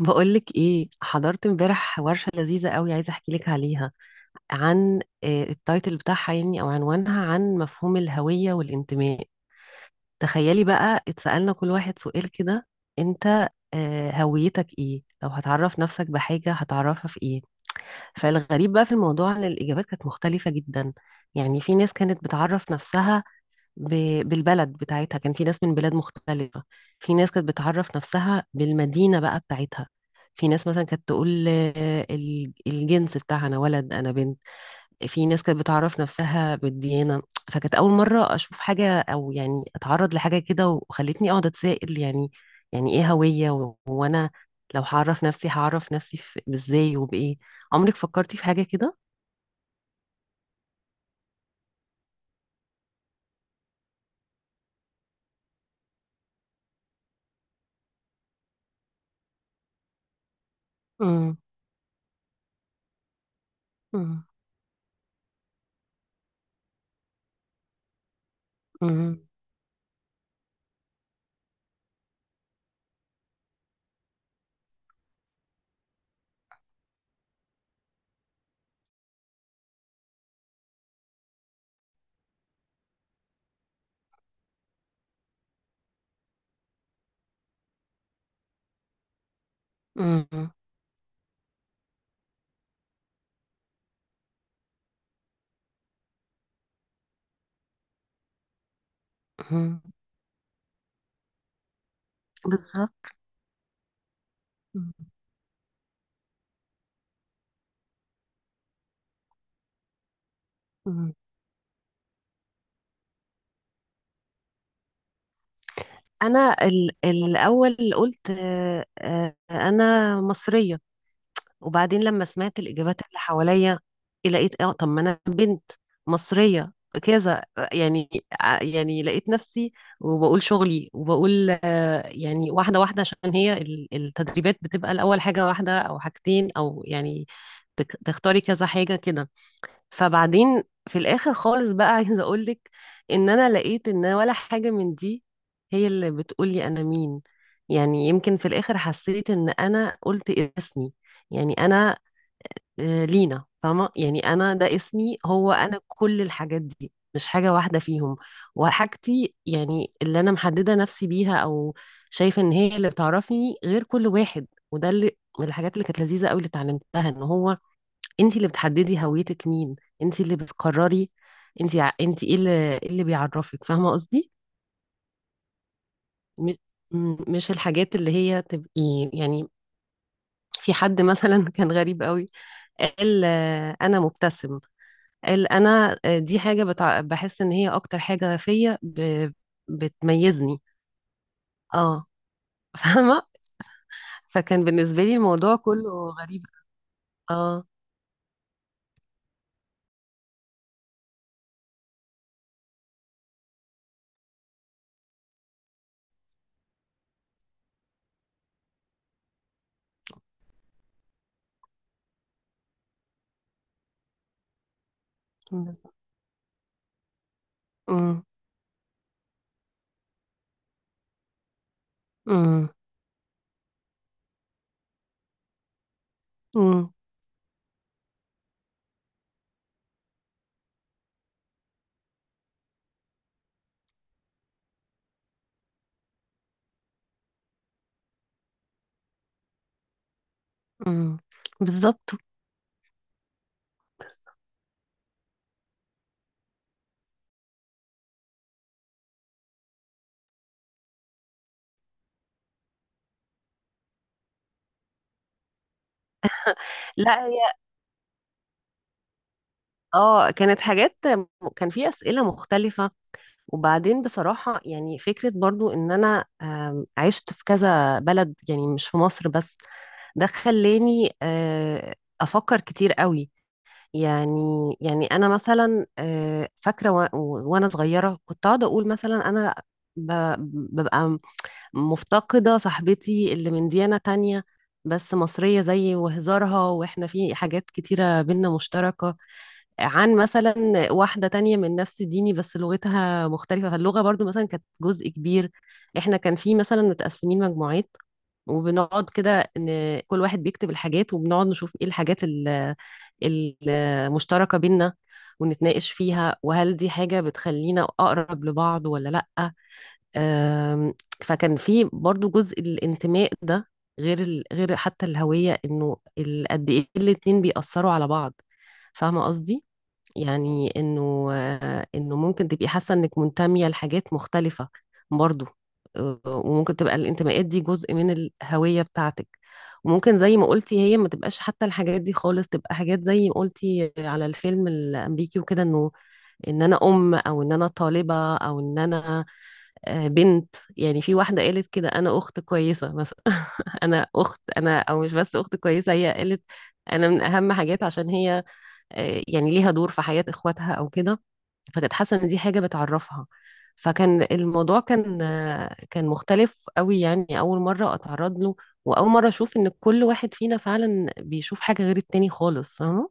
بقولك ايه؟ حضرت امبارح ورشة لذيذة قوي، عايزة احكي لك عليها. عن التايتل بتاعها يعني او عنوانها، عن مفهوم الهوية والانتماء. تخيلي بقى اتسألنا كل واحد سؤال كده. انت هويتك ايه؟ لو هتعرف نفسك بحاجة هتعرفها في ايه؟ فالغريب بقى في الموضوع ان الاجابات كانت مختلفة جدا. يعني في ناس كانت بتعرف نفسها بالبلد بتاعتها، كان في ناس من بلاد مختلفة. في ناس كانت بتعرف نفسها بالمدينة بقى بتاعتها. في ناس مثلا كانت تقول الجنس بتاعها، أنا ولد أنا بنت. في ناس كانت بتعرف نفسها بالديانة. فكانت أول مرة أشوف حاجة أو يعني أتعرض لحاجة كده، وخلتني أقعد أتسائل يعني، يعني إيه هوية وأنا لو هعرف نفسي هعرف نفسي إزاي وبإيه؟ عمرك فكرتي في حاجة كده؟ مم. مم. مم. مم. مم. بالظبط. مم. انا الاول قلت انا مصريه. وبعدين لما سمعت الاجابات اللي حواليا، إيه، لقيت اه طب ما انا بنت مصريه، كذا يعني. يعني لقيت نفسي وبقول شغلي وبقول، يعني واحده واحده، عشان هي التدريبات بتبقى الاول حاجه واحده او حاجتين او يعني تختاري كذا حاجه كده. فبعدين في الاخر خالص بقى عايزه اقولك ان انا لقيت ان ولا حاجه من دي هي اللي بتقولي انا مين. يعني يمكن في الاخر حسيت ان انا قلت اسمي، يعني انا لينا، فاهمه؟ يعني انا ده اسمي هو انا، كل الحاجات دي مش حاجه واحده فيهم وحاجتي، يعني اللي انا محدده نفسي بيها او شايفه ان هي اللي بتعرفني غير كل واحد. وده اللي من الحاجات اللي كانت لذيذه قوي اللي اتعلمتها ان هو انت اللي بتحددي هويتك مين، انت اللي بتقرري انت، انت ايه اللي، إيه اللي بيعرفك. فاهمه قصدي؟ م- مش الحاجات اللي هي تبقي يعني، في حد مثلا كان غريب قوي، قال انا مبتسم، قال انا دي حاجه بتع... بحس ان هي اكتر حاجه فيا ب... بتميزني. اه. فاهمه. فكان بالنسبه لي الموضوع كله غريب. اه. امم. امم. امم. بالظبط. لا اه، كانت حاجات، كان في أسئلة مختلفة. وبعدين بصراحة يعني فكرة برضو ان انا عشت في كذا بلد، يعني مش في مصر بس. ده خلاني افكر كتير قوي يعني. يعني انا مثلا فاكرة وانا صغيرة كنت اقعد اقول مثلا انا ب- ببقى مفتقدة صاحبتي اللي من ديانة تانية بس مصرية زيي وهزارها، واحنا في حاجات كتيرة بينا مشتركة. عن مثلا واحدة تانية من نفس ديني بس لغتها مختلفة، فاللغة برضو مثلا كانت جزء كبير. احنا كان في مثلا متقسمين مجموعات وبنقعد كده ان كل واحد بيكتب الحاجات وبنقعد نشوف ايه الحاجات المشتركة بينا ونتناقش فيها، وهل دي حاجة بتخلينا أقرب لبعض ولا لأ. أم، فكان في برضو جزء الانتماء ده، غير غير حتى الهوية، انه قد ايه الاتنين بيأثروا على بعض. فاهمة قصدي؟ يعني انه انه ممكن تبقي حاسه انك منتميه لحاجات مختلفه برضو، وممكن تبقى الانتماءات دي جزء من الهويه بتاعتك. وممكن زي ما قلتي هي ما تبقاش حتى الحاجات دي خالص، تبقى حاجات زي ما قلتي على الفيلم الامريكي وكده، انه ان انا ام، او ان انا طالبه، او ان انا بنت. يعني في واحده قالت كده انا اخت كويسه مثلا، انا اخت انا، او مش بس اخت كويسه، هي قالت انا من اهم حاجات عشان هي يعني ليها دور في حياة اخواتها او كده، فكانت حاسة ان دي حاجة بتعرفها. فكان الموضوع كان كان مختلف قوي، يعني اول مرة اتعرض له واول مرة اشوف ان كل واحد فينا فعلا بيشوف حاجة غير التاني خالص. فاهمة؟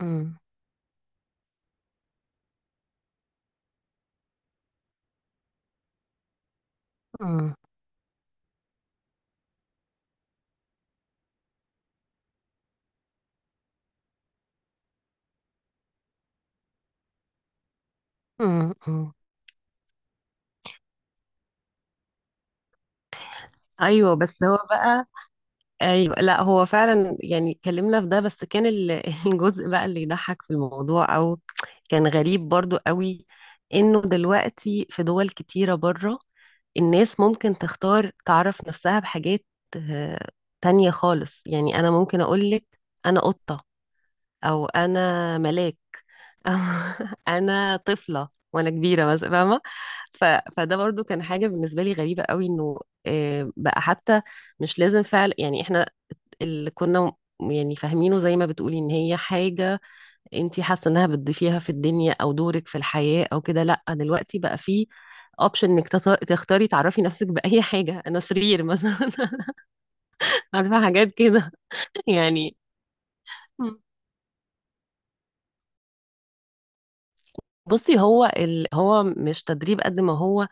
مم. مم. مم. مم. ايوه بس هو بقى، ايوه لا، هو فعلا يعني اتكلمنا في ده، بس كان الجزء بقى اللي يضحك في الموضوع او كان غريب برضو قوي، انه دلوقتي في دول كتيرة بره الناس ممكن تختار تعرف نفسها بحاجات آه، تانية خالص. يعني أنا ممكن أقولك أنا قطة، أو أنا ملاك، أو أنا طفلة وأنا كبيرة مثلا، فاهمة؟ ف... فده برضو كان حاجة بالنسبة لي غريبة قوي، إنه بقى حتى مش لازم فعل يعني إحنا اللي كنا يعني فاهمينه زي ما بتقولي إن هي حاجة انتي حاسه انها بتضيفيها في الدنيا او دورك في الحياه او كده. لا دلوقتي بقى في اوبشن انك تختاري تعرفي نفسك باي حاجه، انا سرير مثلا. عارفه، حاجات كده يعني. بصي هو هو مش تدريب قد ما هو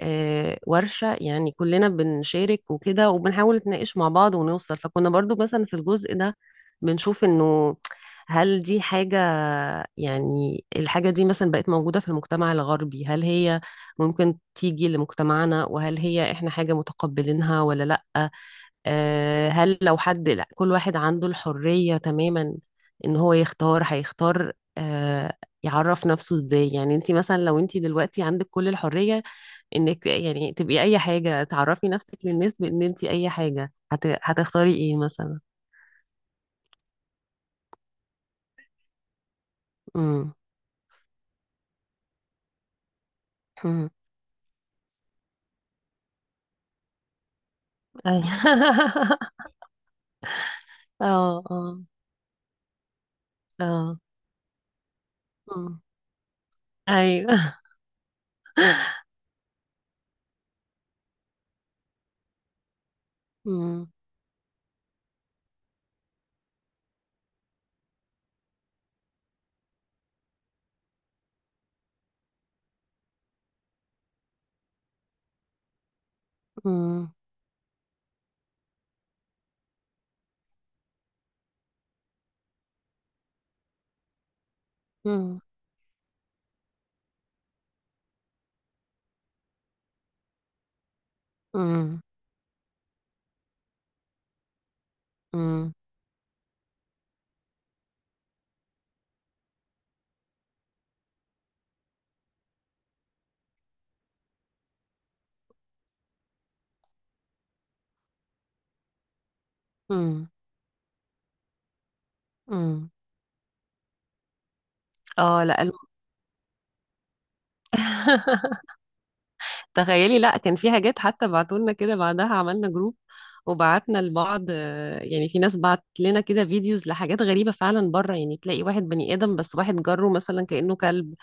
ورشة، يعني كلنا بنشارك وكده وبنحاول نتناقش مع بعض ونوصل. فكنا برضو مثلا في الجزء ده بنشوف انه هل دي حاجة، يعني الحاجة دي مثلا بقت موجودة في المجتمع الغربي، هل هي ممكن تيجي لمجتمعنا؟ وهل هي احنا حاجة متقبلينها ولا لأ؟ هل لو حد، لا كل واحد عنده الحرية تماما ان هو يختار، هيختار يعرف نفسه ازاي. يعني انت مثلا لو انت دلوقتي عندك كل الحرية انك يعني تبقي اي حاجة، تعرفي نفسك للناس بان انت اي حاجة، هت... هتختاري ايه مثلا؟ امم. امم. ايوه. اه، اه، اه. أمم. ايوه. امم. امم. امم. امم. امم. امم. اه لا، تخيلي، لا كان في حاجات حتى بعتولنا كده بعدها، عملنا جروب وبعتنا لبعض يعني. في ناس بعت لنا كده فيديوز لحاجات غريبة فعلا بره، يعني تلاقي واحد بني آدم بس واحد جره مثلا كأنه كلب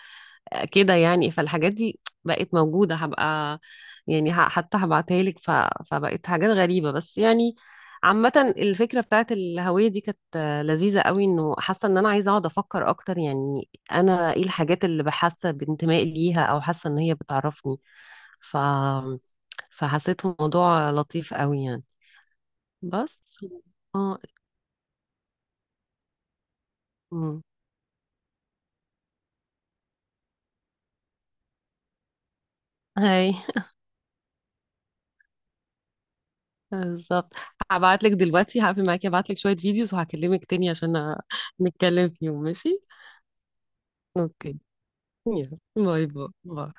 كده يعني. فالحاجات دي بقت موجودة، هبقى يعني حتى هبعتها لك. ف... فبقت حاجات غريبة بس يعني. عامة الفكرة بتاعت الهوية دي كانت لذيذة قوي، انه حاسة ان انا عايزة اقعد افكر اكتر يعني انا ايه الحاجات اللي بحاسة بانتماء ليها او حاسة ان هي بتعرفني. ف... فحسيته موضوع لطيف قوي يعني. بس اه. أمم. هاي. بالظبط. هبعت لك دلوقتي، هقفل معاكي، هبعت لك شوية فيديوز وهكلمك تاني عشان نتكلم فيهم، ماشي؟ اوكي. يلا باي باي باي.